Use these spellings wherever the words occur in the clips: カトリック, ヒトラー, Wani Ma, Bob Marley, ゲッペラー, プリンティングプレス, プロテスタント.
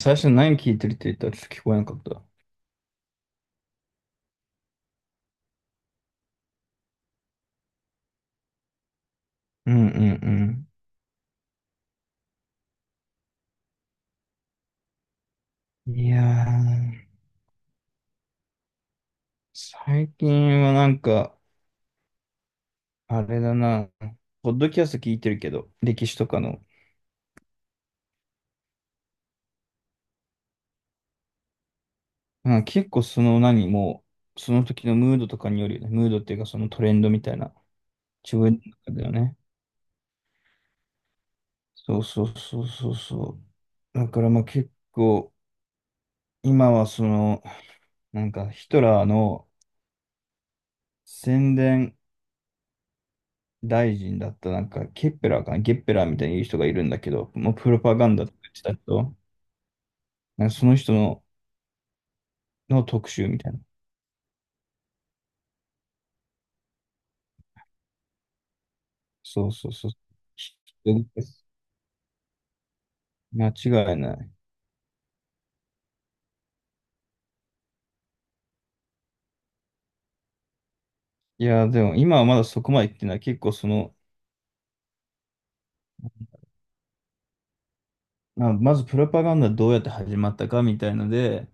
最初何聞いてるって言ったらちょっと聞こえなかった。うんうんうん。いやー、最近はなんか、あれだな、ポッドキャスト聞いてるけど、歴史とかの。うん、結構その何もう、その時のムードとかによるよね。ムードっていうかそのトレンドみたいな、自分の中だよね。そうそうそうそうそう。だからまあ結構、今はその、なんかヒトラーの宣伝大臣だったなんか、ケッペラーかな、ゲッペラーみたいに言う人がいるんだけど、もうプロパガンダとか言ってた人、なんかその人の、の特集みたいな。そうそうそう。間違いない。いや、でも今はまだそこまで言ってない。結構その、まあまずプロパガンダどうやって始まったかみたいので、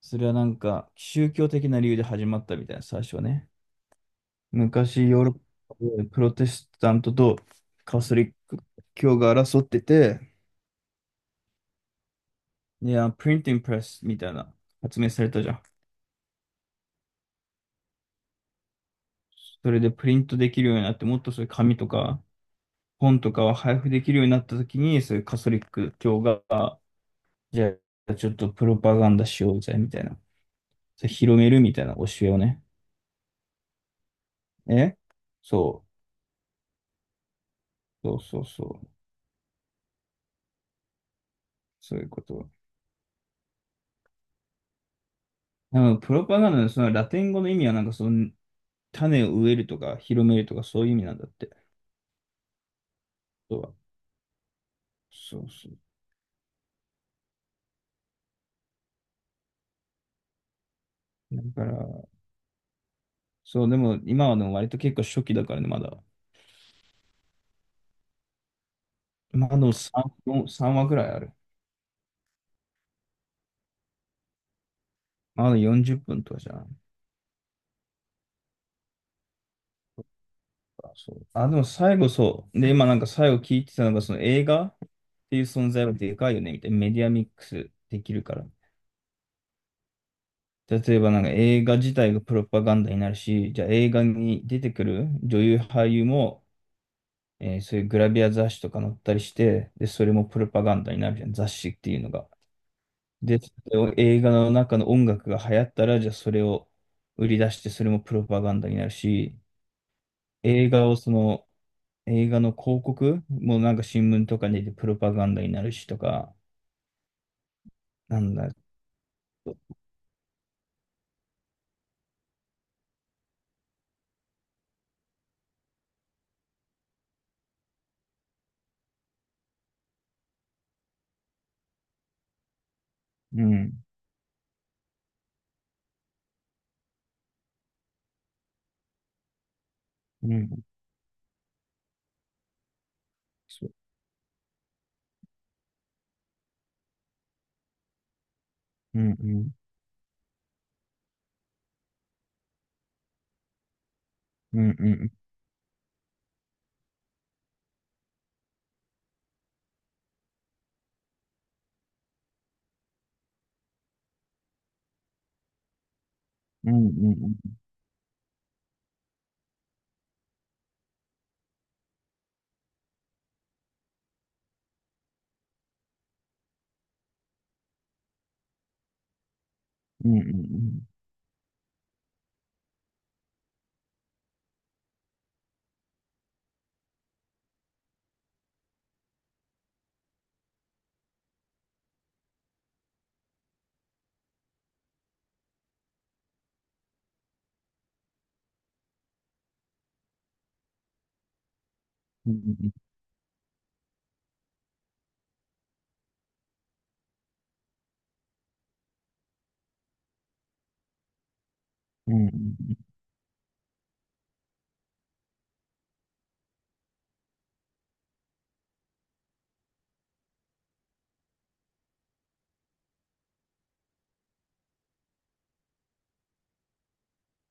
それはなんか宗教的な理由で始まったみたいな、最初はね。昔ヨーロッパでプロテスタントとカトリック教が争ってて、いや、プリンティングプレスみたいな発明されたじゃん。それでプリントできるようになって、もっとそういう紙とか本とかを配布できるようになった時に、そういうカトリック教が、じゃあちょっとプロパガンダしようぜ、みたいな。それ広めるみたいな教えをね。えそう、そうそうそう。そういうこと。でもプロパガンダのそのラテン語の意味はなんかその種を植えるとか広めるとかそういう意味なんだって。そうそうそう。だから、そう、でも今はでも割と結構初期だからね、まだ。まあでも3、話ぐらいある。まだ40分とかじゃん。そう。あ、でも最後そう。で、今なんか最後聞いてたのが、その映画っていう存在はでかいよね、みたいな。メディアミックスできるから。例えばなんか映画自体がプロパガンダになるし、じゃあ映画に出てくる女優俳優も、そういうグラビア雑誌とか載ったりして、で、それもプロパガンダになるじゃん、雑誌っていうのが。で、それを映画の中の音楽が流行ったら、じゃあそれを売り出して、それもプロパガンダになるし、映画をその、映画の広告もなんか新聞とかに出てプロパガンダになるしとか。なんだろう、うん、うん、そう、うん、うん、うん、うん、うん、うん、うん、うん、うん、うん、うん、うん、うん。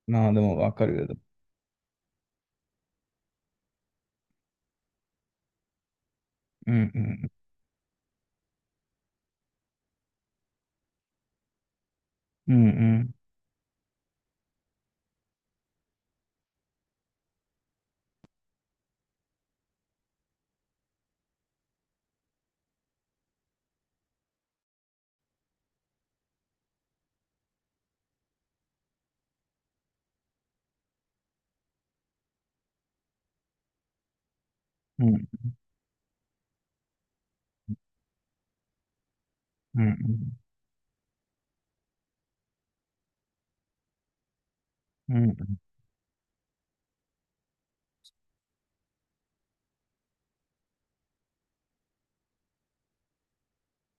まあでもわかるけど、うん、うん、うん、うん、うん、うん、うん、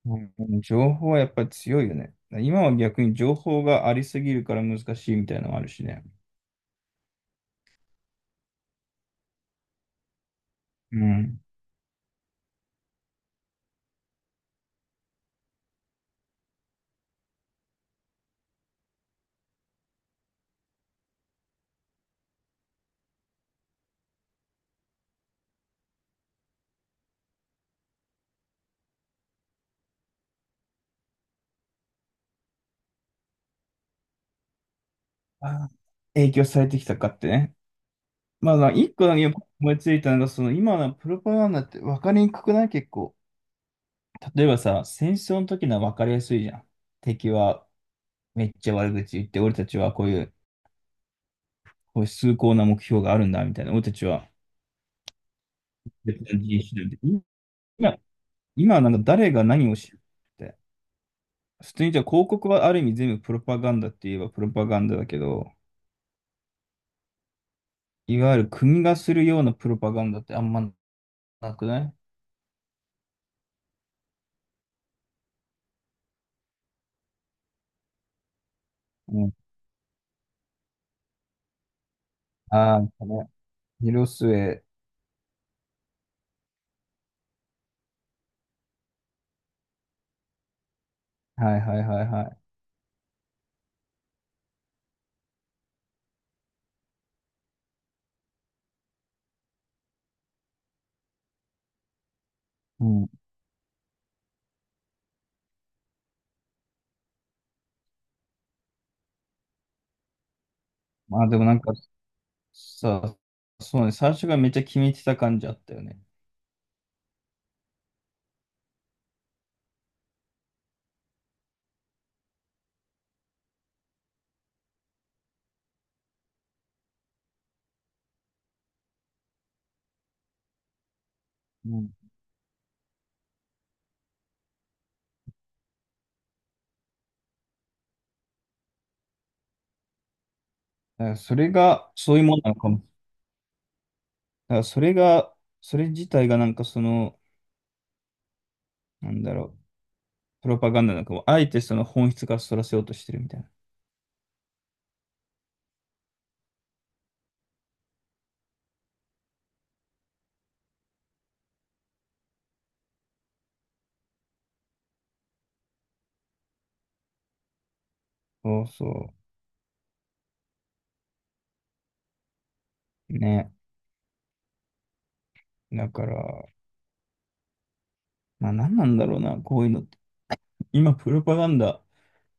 うん。情報はやっぱり強いよね。今は逆に情報がありすぎるから難しいみたいなのもあるしね。うん。あ、影響されてきたかってね。まあ、一個だけ思いついたのが、その今のプロパガンダって分かりにくくない結構。例えばさ、戦争の時のは分かりやすいじゃん。敵はめっちゃ悪口言って、俺たちはこういう、こういう崇高な目標があるんだ、みたいな。俺たちは別の人種だみたいな。今、今はなんか誰が何を知るって。普通にじゃあ広告はある意味全部プロパガンダって言えばプロパガンダだけど、いわゆる国がするようなプロパガンダってあんまなくない？うん。ああ、これ広末。はいはいはいはい。うん。まあでもなんかさ、そうね、最初がめっちゃ決めてた感じあったよね。うん。だからそれが、そういうものなのかも。だからそれが、それ自体がなんかその、なんだろう、プロパガンダなのかも。あえてその本質からそらせようとしてるみたいな。そうそう。ね。だから、まあ何なんだろうな、こういうのって。今、プロパガンダ、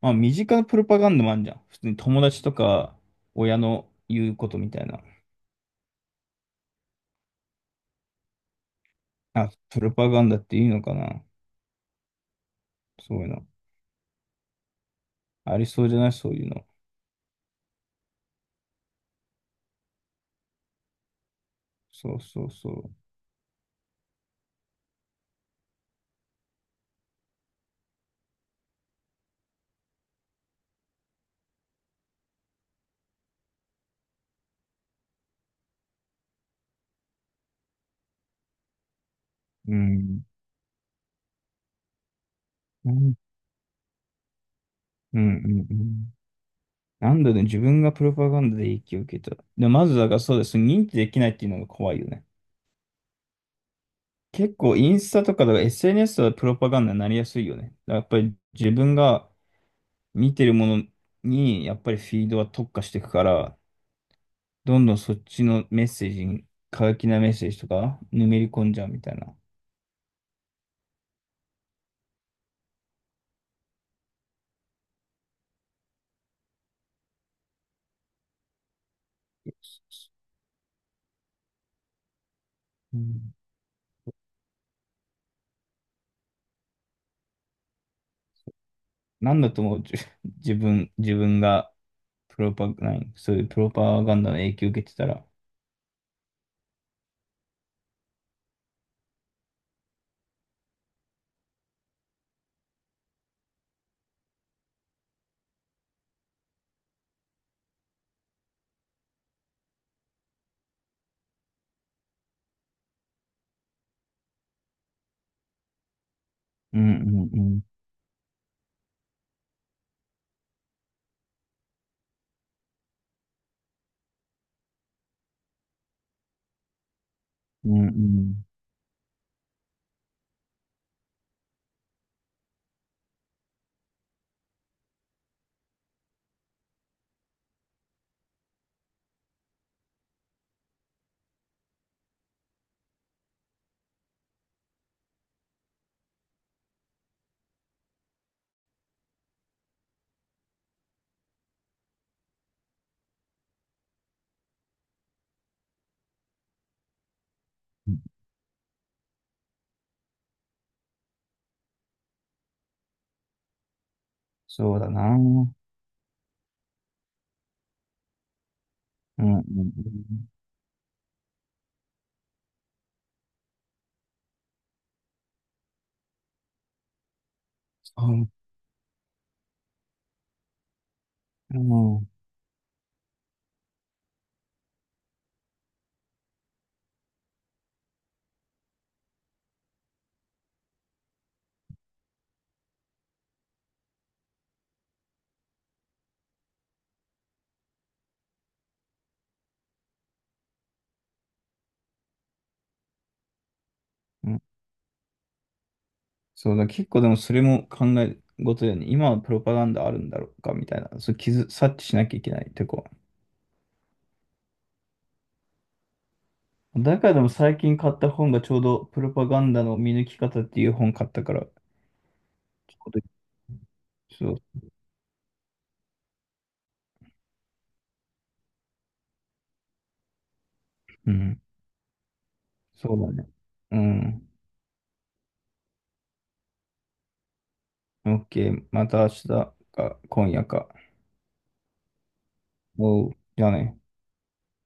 まあ身近なプロパガンダもあるじゃん。普通に友達とか、親の言うことみたいな。あ、プロパガンダっていうのかな。そういうの。ありそうじゃないそういうの。そうそうそう。うん。うん、うん、うん。うん、なんだね、自分がプロパガンダで影響を受けた。で、まずだからそうです。認知できないっていうのが怖いよね。結構インスタとかだから SNS はプロパガンダになりやすいよね。だからやっぱり自分が見てるものにやっぱりフィードは特化していくから、どんどんそっちのメッセージに、過激なメッセージとか、ぬめり込んじゃうみたいな。うん、なんだと思う、自分がプロパ、ない、そういうプロパガンダの影響を受けてたら、うんうんうん、うんうん。そうだな。うんうんうん。そう、うんうん。そうだ、結構でもそれも考え事だよね。今はプロパガンダあるんだろうかみたいな、そう察知しなきゃいけないとこ。中でも最近買った本がちょうどプロパガンダの見抜き方っていう本買ったから、ちょうどそう、うん、そうだね。うん。OK、また明日か今夜か。おう、じゃあね。